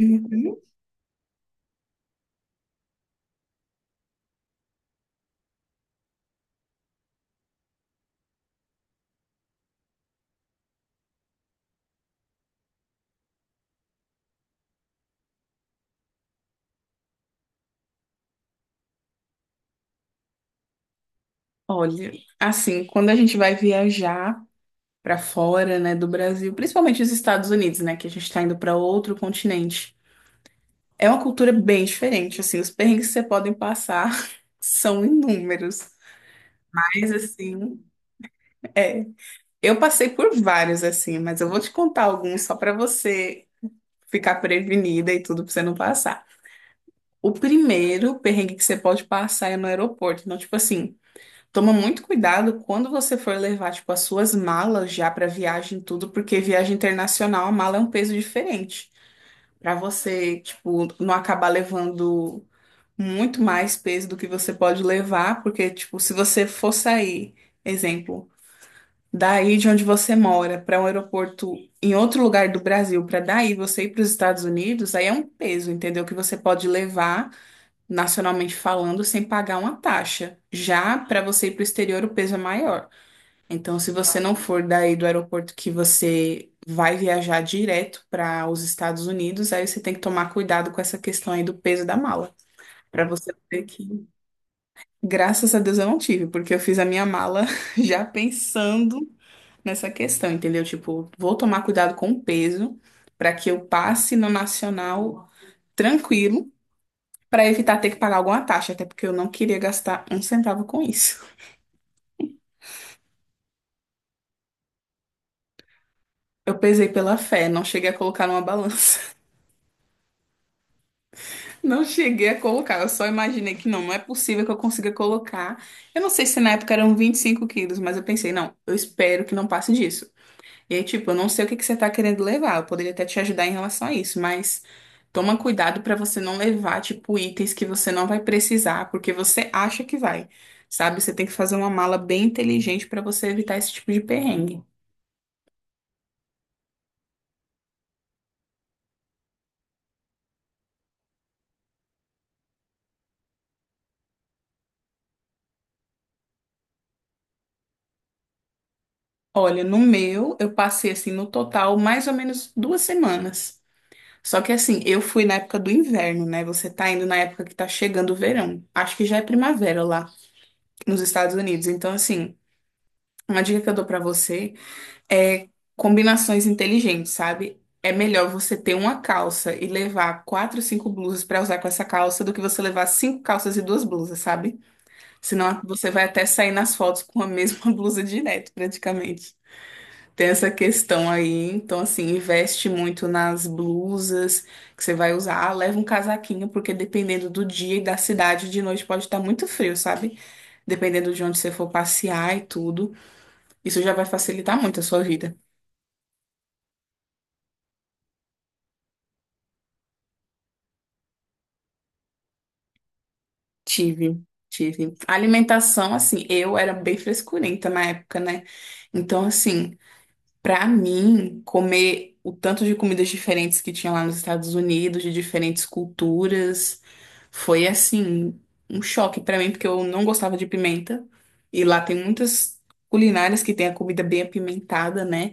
Uhum. Olha, assim, quando a gente vai viajar para fora, né, do Brasil, principalmente os Estados Unidos, né, que a gente está indo para outro continente, é uma cultura bem diferente, assim, os perrengues que você podem passar são inúmeros. Mas assim, é, eu passei por vários assim, mas eu vou te contar alguns só para você ficar prevenida e tudo para você não passar. O primeiro perrengue que você pode passar é no aeroporto, então tipo assim, toma muito cuidado quando você for levar, tipo, as suas malas já para viagem e tudo, porque viagem internacional, a mala é um peso diferente. Para você, tipo, não acabar levando muito mais peso do que você pode levar, porque, tipo, se você for sair, exemplo, daí de onde você mora para um aeroporto em outro lugar do Brasil, para daí você ir para os Estados Unidos, aí é um peso, entendeu? Que você pode levar nacionalmente falando sem pagar uma taxa. Já para você ir para o exterior, o peso é maior. Então, se você não for daí do aeroporto que você vai viajar direto para os Estados Unidos, aí você tem que tomar cuidado com essa questão aí do peso da mala, para você não ter que. Graças a Deus eu não tive, porque eu fiz a minha mala já pensando nessa questão, entendeu? Tipo, vou tomar cuidado com o peso para que eu passe no nacional tranquilo, para evitar ter que pagar alguma taxa, até porque eu não queria gastar um centavo com isso. Eu pesei pela fé, não cheguei a colocar numa balança. Não cheguei a colocar, eu só imaginei que não, não é possível que eu consiga colocar. Eu não sei se na época eram 25 quilos, mas eu pensei, não, eu espero que não passe disso. E aí, tipo, eu não sei o que que você tá querendo levar, eu poderia até te ajudar em relação a isso, mas toma cuidado pra você não levar, tipo, itens que você não vai precisar, porque você acha que vai, sabe? Você tem que fazer uma mala bem inteligente pra você evitar esse tipo de perrengue. Olha, no meu, eu passei assim, no total, mais ou menos 2 semanas. Só que assim, eu fui na época do inverno, né? Você tá indo na época que tá chegando o verão. Acho que já é primavera lá nos Estados Unidos. Então, assim, uma dica que eu dou pra você é combinações inteligentes, sabe? É melhor você ter uma calça e levar quatro, cinco blusas pra usar com essa calça do que você levar cinco calças e duas blusas, sabe? Senão você vai até sair nas fotos com a mesma blusa direto, praticamente. Tem essa questão aí, então assim, investe muito nas blusas que você vai usar. Ah, leva um casaquinho, porque dependendo do dia e da cidade, de noite pode estar muito frio, sabe? Dependendo de onde você for passear e tudo. Isso já vai facilitar muito a sua vida. Tive, tive. A alimentação, assim, eu era bem frescurenta na época, né? Então, assim. Pra mim, comer o tanto de comidas diferentes que tinha lá nos Estados Unidos, de diferentes culturas, foi assim, um choque pra mim, porque eu não gostava de pimenta. E lá tem muitas culinárias que tem a comida bem apimentada, né?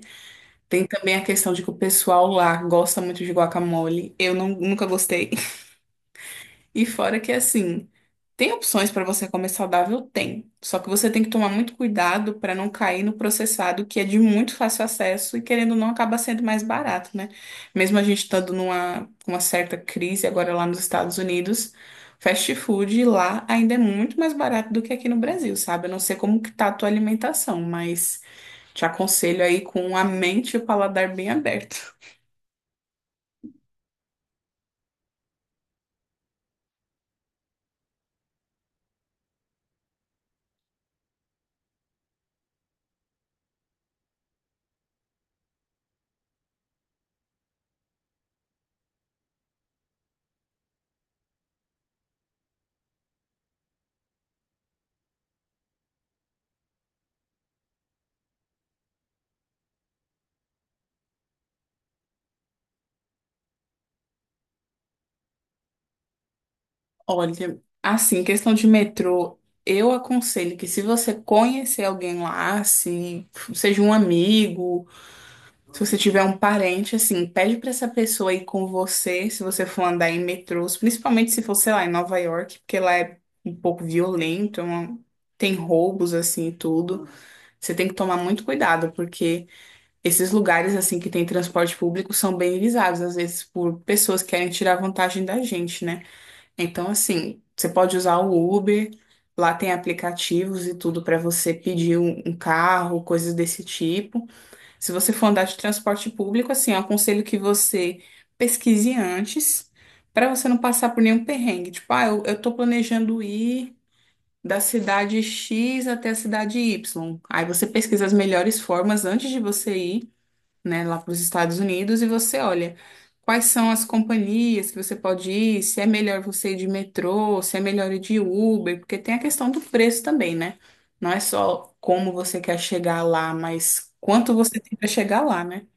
Tem também a questão de que o pessoal lá gosta muito de guacamole. Eu não, nunca gostei. E fora que assim, tem opções para você comer saudável? Tem. Só que você tem que tomar muito cuidado para não cair no processado, que é de muito fácil acesso e querendo ou não acaba sendo mais barato, né? Mesmo a gente estando numa uma certa crise agora lá nos Estados Unidos, fast food lá ainda é muito mais barato do que aqui no Brasil, sabe? Eu não sei como que tá a tua alimentação, mas te aconselho aí com a mente e o paladar bem aberto. Olha, assim, questão de metrô, eu aconselho que se você conhecer alguém lá, se seja um amigo, se você tiver um parente, assim, pede pra essa pessoa ir com você, se você for andar em metrôs, principalmente se for, sei lá, em Nova York, porque lá é um pouco violento, tem roubos, assim, e tudo. Você tem que tomar muito cuidado, porque esses lugares, assim, que tem transporte público são bem visados, às vezes, por pessoas que querem tirar vantagem da gente, né? Então, assim, você pode usar o Uber, lá tem aplicativos e tudo para você pedir um carro, coisas desse tipo. Se você for andar de transporte público, assim, eu aconselho que você pesquise antes, para você não passar por nenhum perrengue. Tipo, ah, eu tô planejando ir da cidade X até a cidade Y. Aí você pesquisa as melhores formas antes de você ir, né, lá para os Estados Unidos e você olha quais são as companhias que você pode ir, se é melhor você ir de metrô, se é melhor ir de Uber, porque tem a questão do preço também, né? Não é só como você quer chegar lá, mas quanto você tem para chegar lá, né?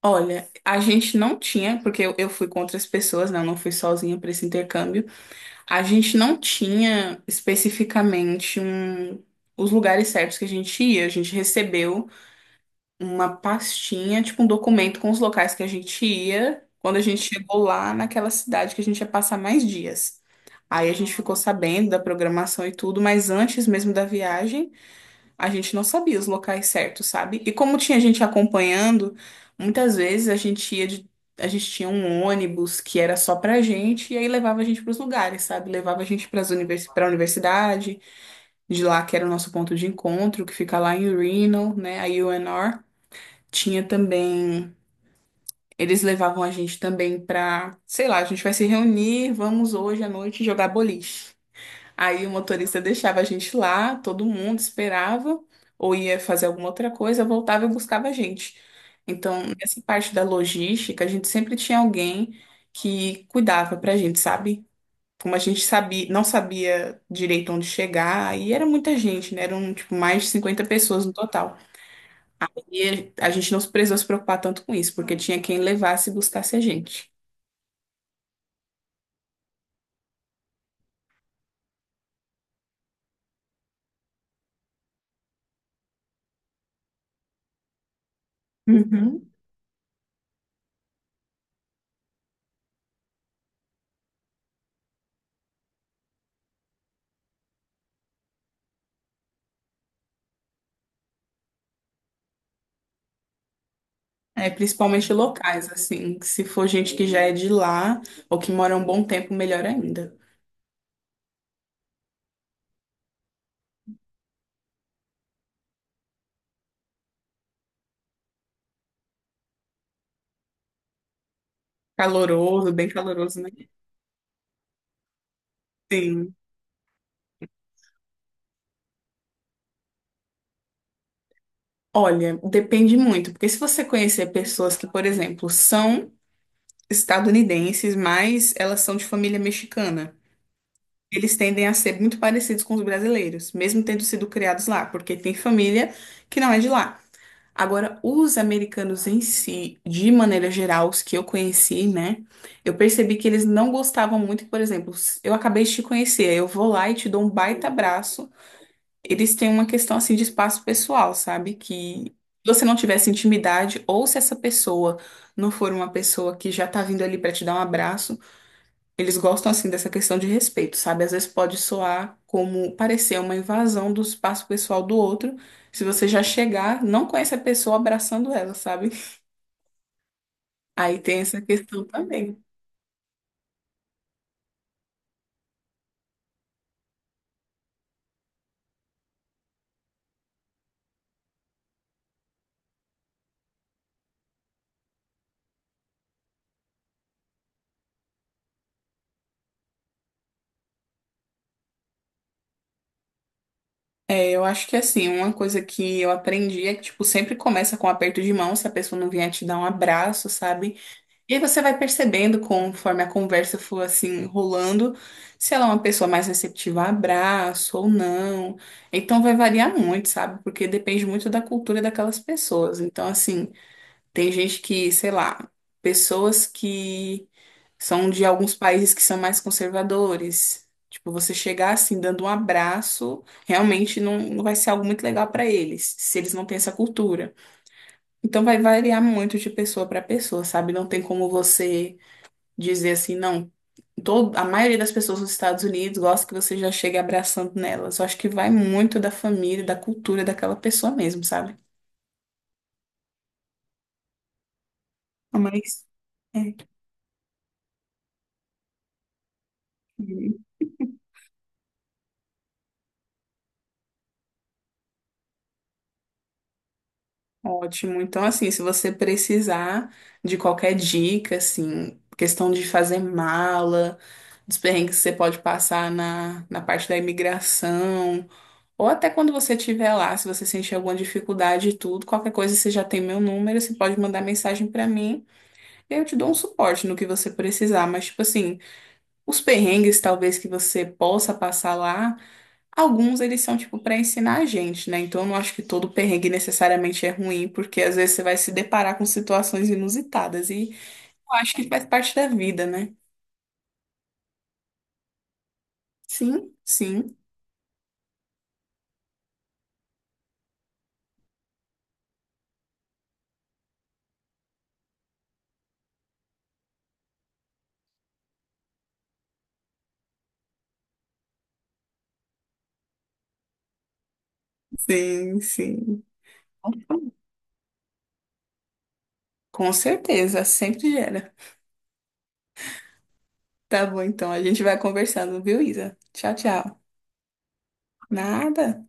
Olha, a gente não tinha, porque eu fui com outras pessoas, né? Eu não fui sozinha para esse intercâmbio. A gente não tinha especificamente um, os lugares certos que a gente ia. A gente recebeu uma pastinha, tipo um documento com os locais que a gente ia quando a gente chegou lá naquela cidade que a gente ia passar mais dias. Aí a gente ficou sabendo da programação e tudo, mas antes mesmo da viagem, a gente não sabia os locais certos, sabe? E como tinha gente acompanhando, muitas vezes a gente tinha um ônibus que era só pra gente e aí levava a gente pros lugares, sabe? Levava a gente para univers... para universidade, de lá que era o nosso ponto de encontro, que fica lá em Reno, né? A UNR tinha também. Eles levavam a gente também pra, sei lá, a gente vai se reunir, vamos hoje à noite jogar boliche. Aí o motorista deixava a gente lá, todo mundo esperava, ou ia fazer alguma outra coisa, voltava e buscava a gente. Então, nessa parte da logística, a gente sempre tinha alguém que cuidava pra gente, sabe? Como a gente sabia, não sabia direito onde chegar, e era muita gente, né? Eram, tipo, mais de 50 pessoas no total. E a gente não precisou se preocupar tanto com isso, porque tinha quem levasse e buscasse a gente. Uhum. É, principalmente locais, assim, que se for gente que já é de lá ou que mora um bom tempo, melhor ainda. Caloroso, bem caloroso, né? Sim. Olha, depende muito, porque se você conhecer pessoas que, por exemplo, são estadunidenses, mas elas são de família mexicana, eles tendem a ser muito parecidos com os brasileiros, mesmo tendo sido criados lá, porque tem família que não é de lá. Agora, os americanos em si, de maneira geral, os que eu conheci, né? Eu percebi que eles não gostavam muito, por exemplo, se eu acabei de te conhecer, eu vou lá e te dou um baita abraço. Eles têm uma questão assim de espaço pessoal, sabe? Que se você não tivesse intimidade, ou se essa pessoa não for uma pessoa que já tá vindo ali pra te dar um abraço. Eles gostam assim dessa questão de respeito, sabe? Às vezes pode soar como parecer uma invasão do espaço pessoal do outro, se você já chegar, não conhece a pessoa abraçando ela, sabe? Aí tem essa questão também. É, eu acho que assim, uma coisa que eu aprendi é que, tipo, sempre começa com um aperto de mão, se a pessoa não vier te dar um abraço, sabe? E aí você vai percebendo conforme a conversa for assim rolando, se ela é uma pessoa mais receptiva a abraço ou não. Então vai variar muito, sabe? Porque depende muito da cultura daquelas pessoas. Então, assim, tem gente que, sei lá, pessoas que são de alguns países que são mais conservadores. Tipo, você chegar assim dando um abraço, realmente não, não vai ser algo muito legal para eles, se eles não têm essa cultura. Então vai variar muito de pessoa para pessoa, sabe? Não tem como você dizer assim, não, todo, a maioria das pessoas nos Estados Unidos gosta que você já chegue abraçando nelas. Eu acho que vai muito da família, da cultura daquela pessoa mesmo, sabe? Mas é, hum, Ótimo. Então, assim, se você precisar de qualquer dica, assim, questão de fazer mala, dos perrengues que você pode passar na parte da imigração, ou até quando você estiver lá, se você sentir alguma dificuldade e tudo, qualquer coisa você já tem meu número, você pode mandar mensagem para mim. Eu te dou um suporte no que você precisar, mas, tipo assim, os perrengues talvez que você possa passar lá, alguns eles são, tipo, para ensinar a gente, né? Então, eu não acho que todo perrengue necessariamente é ruim, porque às vezes você vai se deparar com situações inusitadas e eu acho que faz parte da vida, né? Sim, sim, sim, sim. Com certeza, sempre gera. Tá bom, então, a gente vai conversando, viu, Isa? Tchau, tchau. Nada.